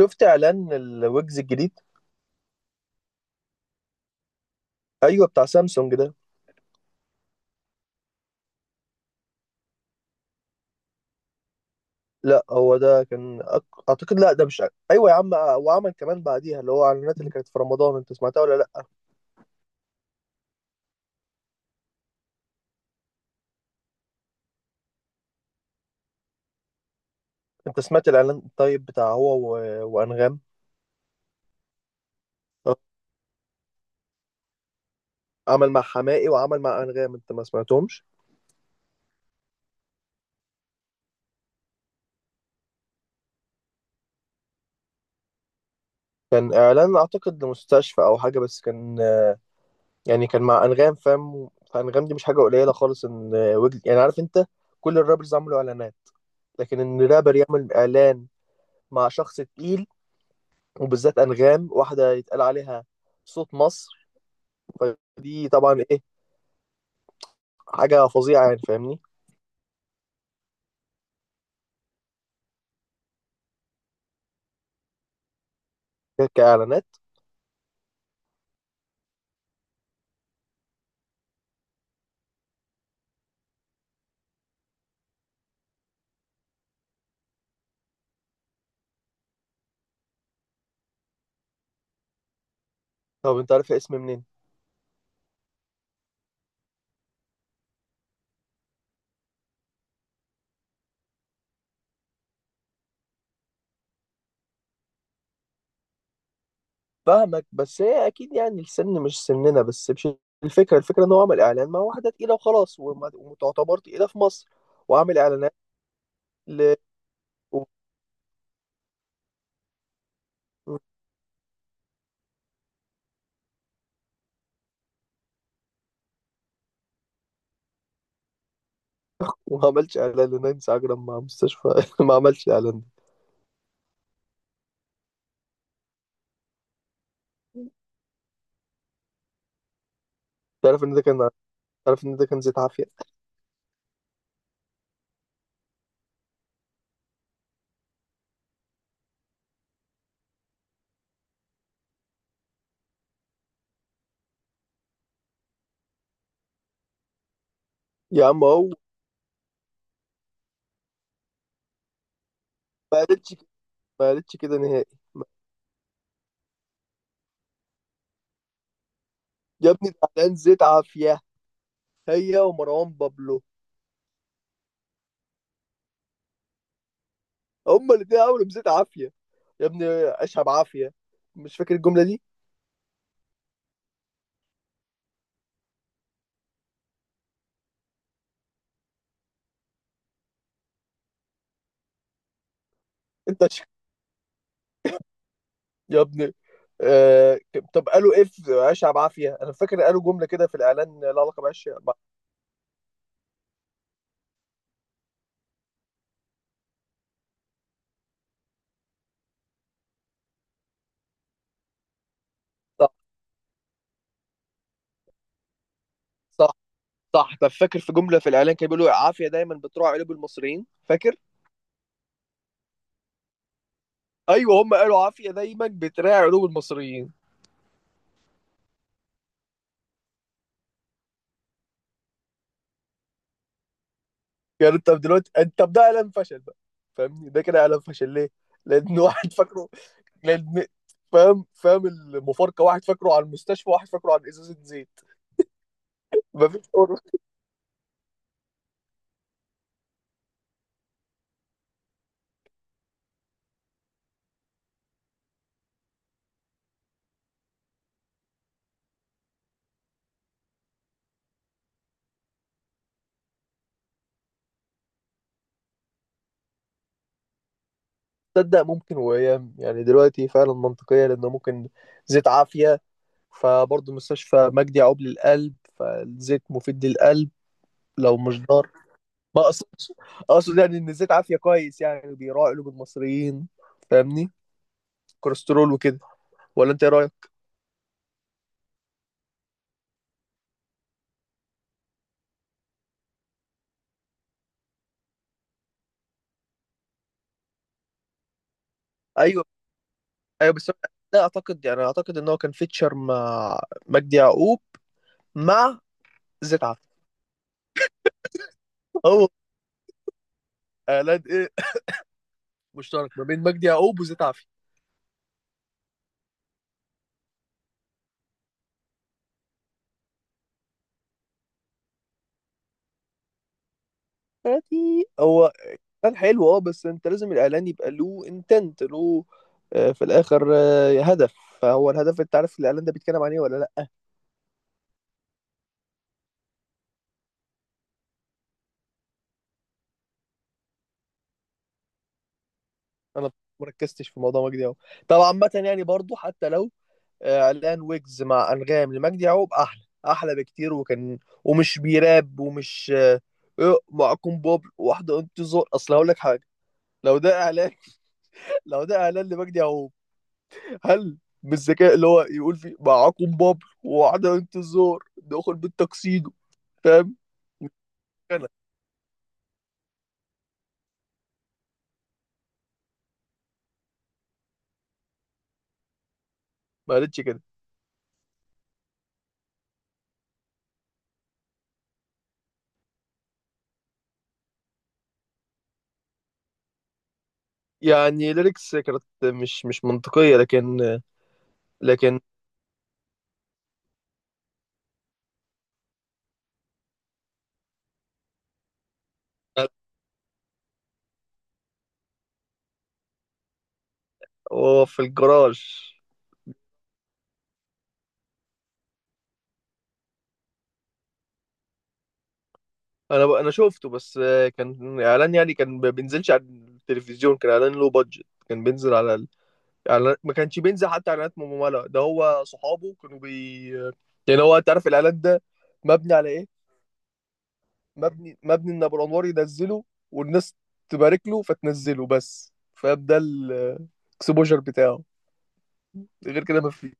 شفت اعلان الويجز الجديد. ايوه، بتاع سامسونج ده. لا، هو ده كان اعتقد، لا ده مش ايوه يا عم، وعمل كمان بعديها اللي هو اعلانات اللي كانت في رمضان. انت سمعتها ولا لا؟ انت سمعت الاعلان طيب بتاع هو وانغام. آه، عمل مع حماقي وعمل مع انغام، انت ما سمعتهمش؟ كان اعلان اعتقد لمستشفى او حاجه، بس كان يعني كان مع انغام، فاهم؟ فانغام دي مش حاجه قليله خالص، ان ويجز يعني، عارف انت. كل الرابرز عملوا اعلانات، لكن ان رابر يعمل اعلان مع شخص تقيل، وبالذات انغام، واحده يتقال عليها صوت مصر. فدي طبعا ايه، حاجه فظيعه يعني، فاهمني؟ كاعلانات. طب انت عارف اسم منين؟ فاهمك، بس هي اكيد يعني السن مش سننا. بس مش الفكره ان هو عمل اعلان مع واحده تقيله وخلاص، وتعتبر تقيله في مصر وعامل اعلانات. ل... و- وما عملش اعلان لنانسي عجرم مع مستشفى ما عملش اعلان ده. تعرف ان ده كان، تعرف ان ده كان زيت عافيه. يا عم هو قالتش ما قالتش كده نهائي. يا ابني، ده اعلان زيت عافيه هي ومروان بابلو. هما الاتنين عملوا مزيت عافية يا ابني، عيشها بعافية، مش فاكر الجملة دي؟ انت ش... يا ابني، آه... طب قالوا ايه في عيشها بعافية؟ انا فاكر قالوا جملة كده في الاعلان لها علاقة بعيشها. صح، صح، صح. طب فاكر في جملة في الاعلان كانوا بيقولوا عافية دايما بتراعي قلوب المصريين؟ فاكر؟ ايوه، هما قالوا عافية دايما بتراعي قلوب المصريين. يعني طب دلوقتي انت، طب ده اعلان فشل بقى، فاهمني؟ ده كده اعلان فشل ليه؟ لان واحد فاكره. لان، فاهم؟ فاهم المفارقه، واحد فاكره على المستشفى، واحد فاكره على ازازه زيت. مفيش فرق. تصدق ممكن؟ وايام يعني دلوقتي فعلا منطقيه، لانه ممكن زيت عافيه فبرضه مستشفى مجدي يعقوب للقلب، فالزيت مفيد للقلب. لو مش ضار. ما اقصدش، اقصد يعني ان الزيت عافيه كويس، يعني بيراعي قلوب المصريين، فاهمني؟ كوليسترول وكده. ولا انت ايه رايك؟ ايوه، ايوه بس، لا اعتقد، يعني اعتقد ان هو كان فيتشر مع مجدي يعقوب، مع زيت عافيه. هو اعلان ايه مشترك ما بين مجدي يعقوب وزيت عافية. يعني هو كان حلو اه، بس انت لازم الاعلان يبقى له انتنت له في الاخر هدف. فهو الهدف، انت عارف الاعلان ده بيتكلم عن ايه ولا لا؟ انا مركزتش في موضوع مجدي يعقوب. طبعا عامه يعني برضو حتى لو اعلان ويجز مع انغام لمجدي يعقوب احلى، احلى بكتير، وكان ومش بيراب ومش إيه، معكم بوب واحده انتظار. اصل هقول لك حاجه، لو ده اعلان لو ده اعلان لمجدي يعقوب، هل بالذكاء اللي هو يقول في معاكم بابل وعدم انتظار دخل بالتكسيدو؟ فاهم كده؟ ما قالتش كده يعني. ليركس كانت مش منطقية، لكن هو في الجراج. انا شفته، بس كان اعلان يعني كان ما بينزلش على التلفزيون. كان اعلان لو بادجت كان بينزل على اعلان ما كانش بينزل حتى اعلانات ممولة. ده هو صحابه كانوا بي، يعني هو انت عارف الاعلان ده مبني على ايه؟ مبني ان ابو الانوار ينزله والناس تبارك له فتنزله، بس فاهم ده الاكسبوجر بتاعه غير كده ما في.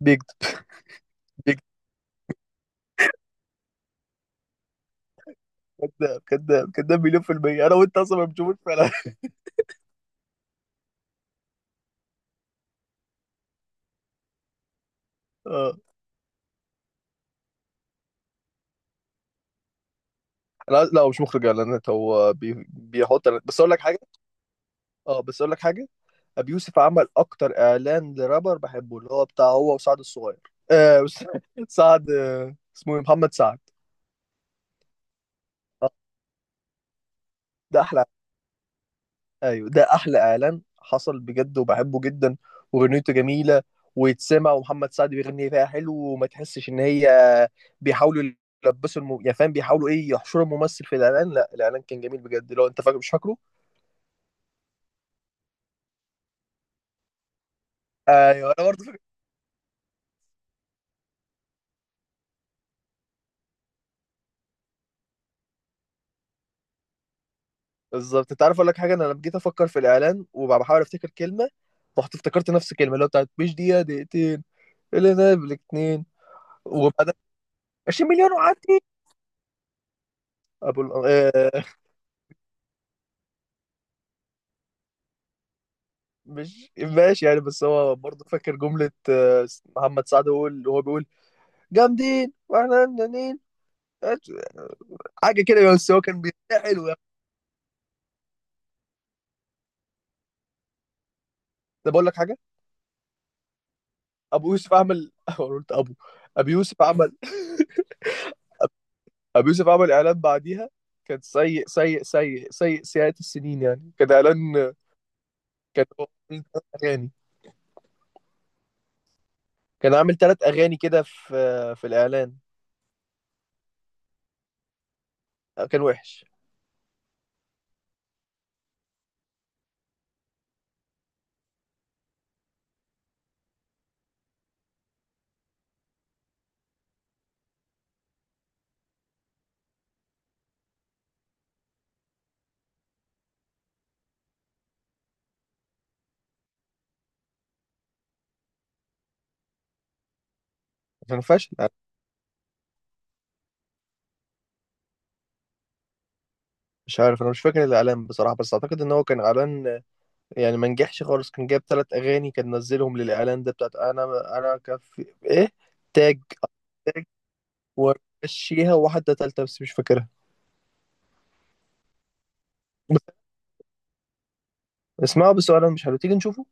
بيكذب، بيكذب. كذاب، كذاب، كذاب، مليون في المية. أنا وأنت أصلا ما بنشوفوش فعلا. اه. أنا عايز- لا، هو مش مخرج إعلانات، هو بيحط إعلانات. بس أقول لك حاجة، أه بس أقول لك حاجة، أبي يوسف عمل أكتر إعلان لرابر بحبه، اللي هو بتاع هو وسعد الصغير. آه بس- سعد اسمه إيه؟ محمد سعد. آه، ده أحلى. ايوه، ده احلى اعلان حصل بجد، وبحبه جدا، واغنيته جميله ويتسمع، ومحمد سعد بيغني فيها حلو. وما تحسش ان هي بيحاولوا يلبسوا يعني فاهم بيحاولوا ايه، يحشروا الممثل في الاعلان. لا الاعلان كان جميل بجد، لو انت فاكر مش فاكره. ايوه، انا برضه فاكر بالظبط. انت عارف اقول لك حاجه، انا لما جيت افكر في الاعلان وبحاول افتكر كلمه، رحت افتكرت نفس الكلمه اللي هو بتاعت مش دقيقه دقيقتين، اللي انا بالاتنين. وبعدين 20 مليون وعدي. أبو... مش ماشي يعني، بس هو برضه فاكر جملة محمد سعد هو اللي هو بيقول جامدين واحنا جامدين. حاجة كده يعني، بس هو كان بيتناحل حلو يعني. ده بقول لك حاجة، أبو يوسف عمل أنا قلت أبو يوسف عمل، أبو يوسف عمل إعلان بعديها كان سيء، سيء، سيء، سيء، سيئات السنين، يعني كان إعلان، كان هو عامل تلات أغاني. كان عامل ثلاث أغاني كده في الإعلان. كان وحش، كان فاشل. مش عارف، أنا مش فاكر الإعلان بصراحة، بس أعتقد إن هو كان إعلان يعني ما نجحش خالص، كان جايب ثلاث اغاني كان نزلهم للاعلان ده بتاعت انا، انا كفي ايه، تاج، تاج ومشيها وواحده ثالثه بس مش فاكرها. بس اسمعوا، بس هو انا مش حلو، تيجي نشوفه؟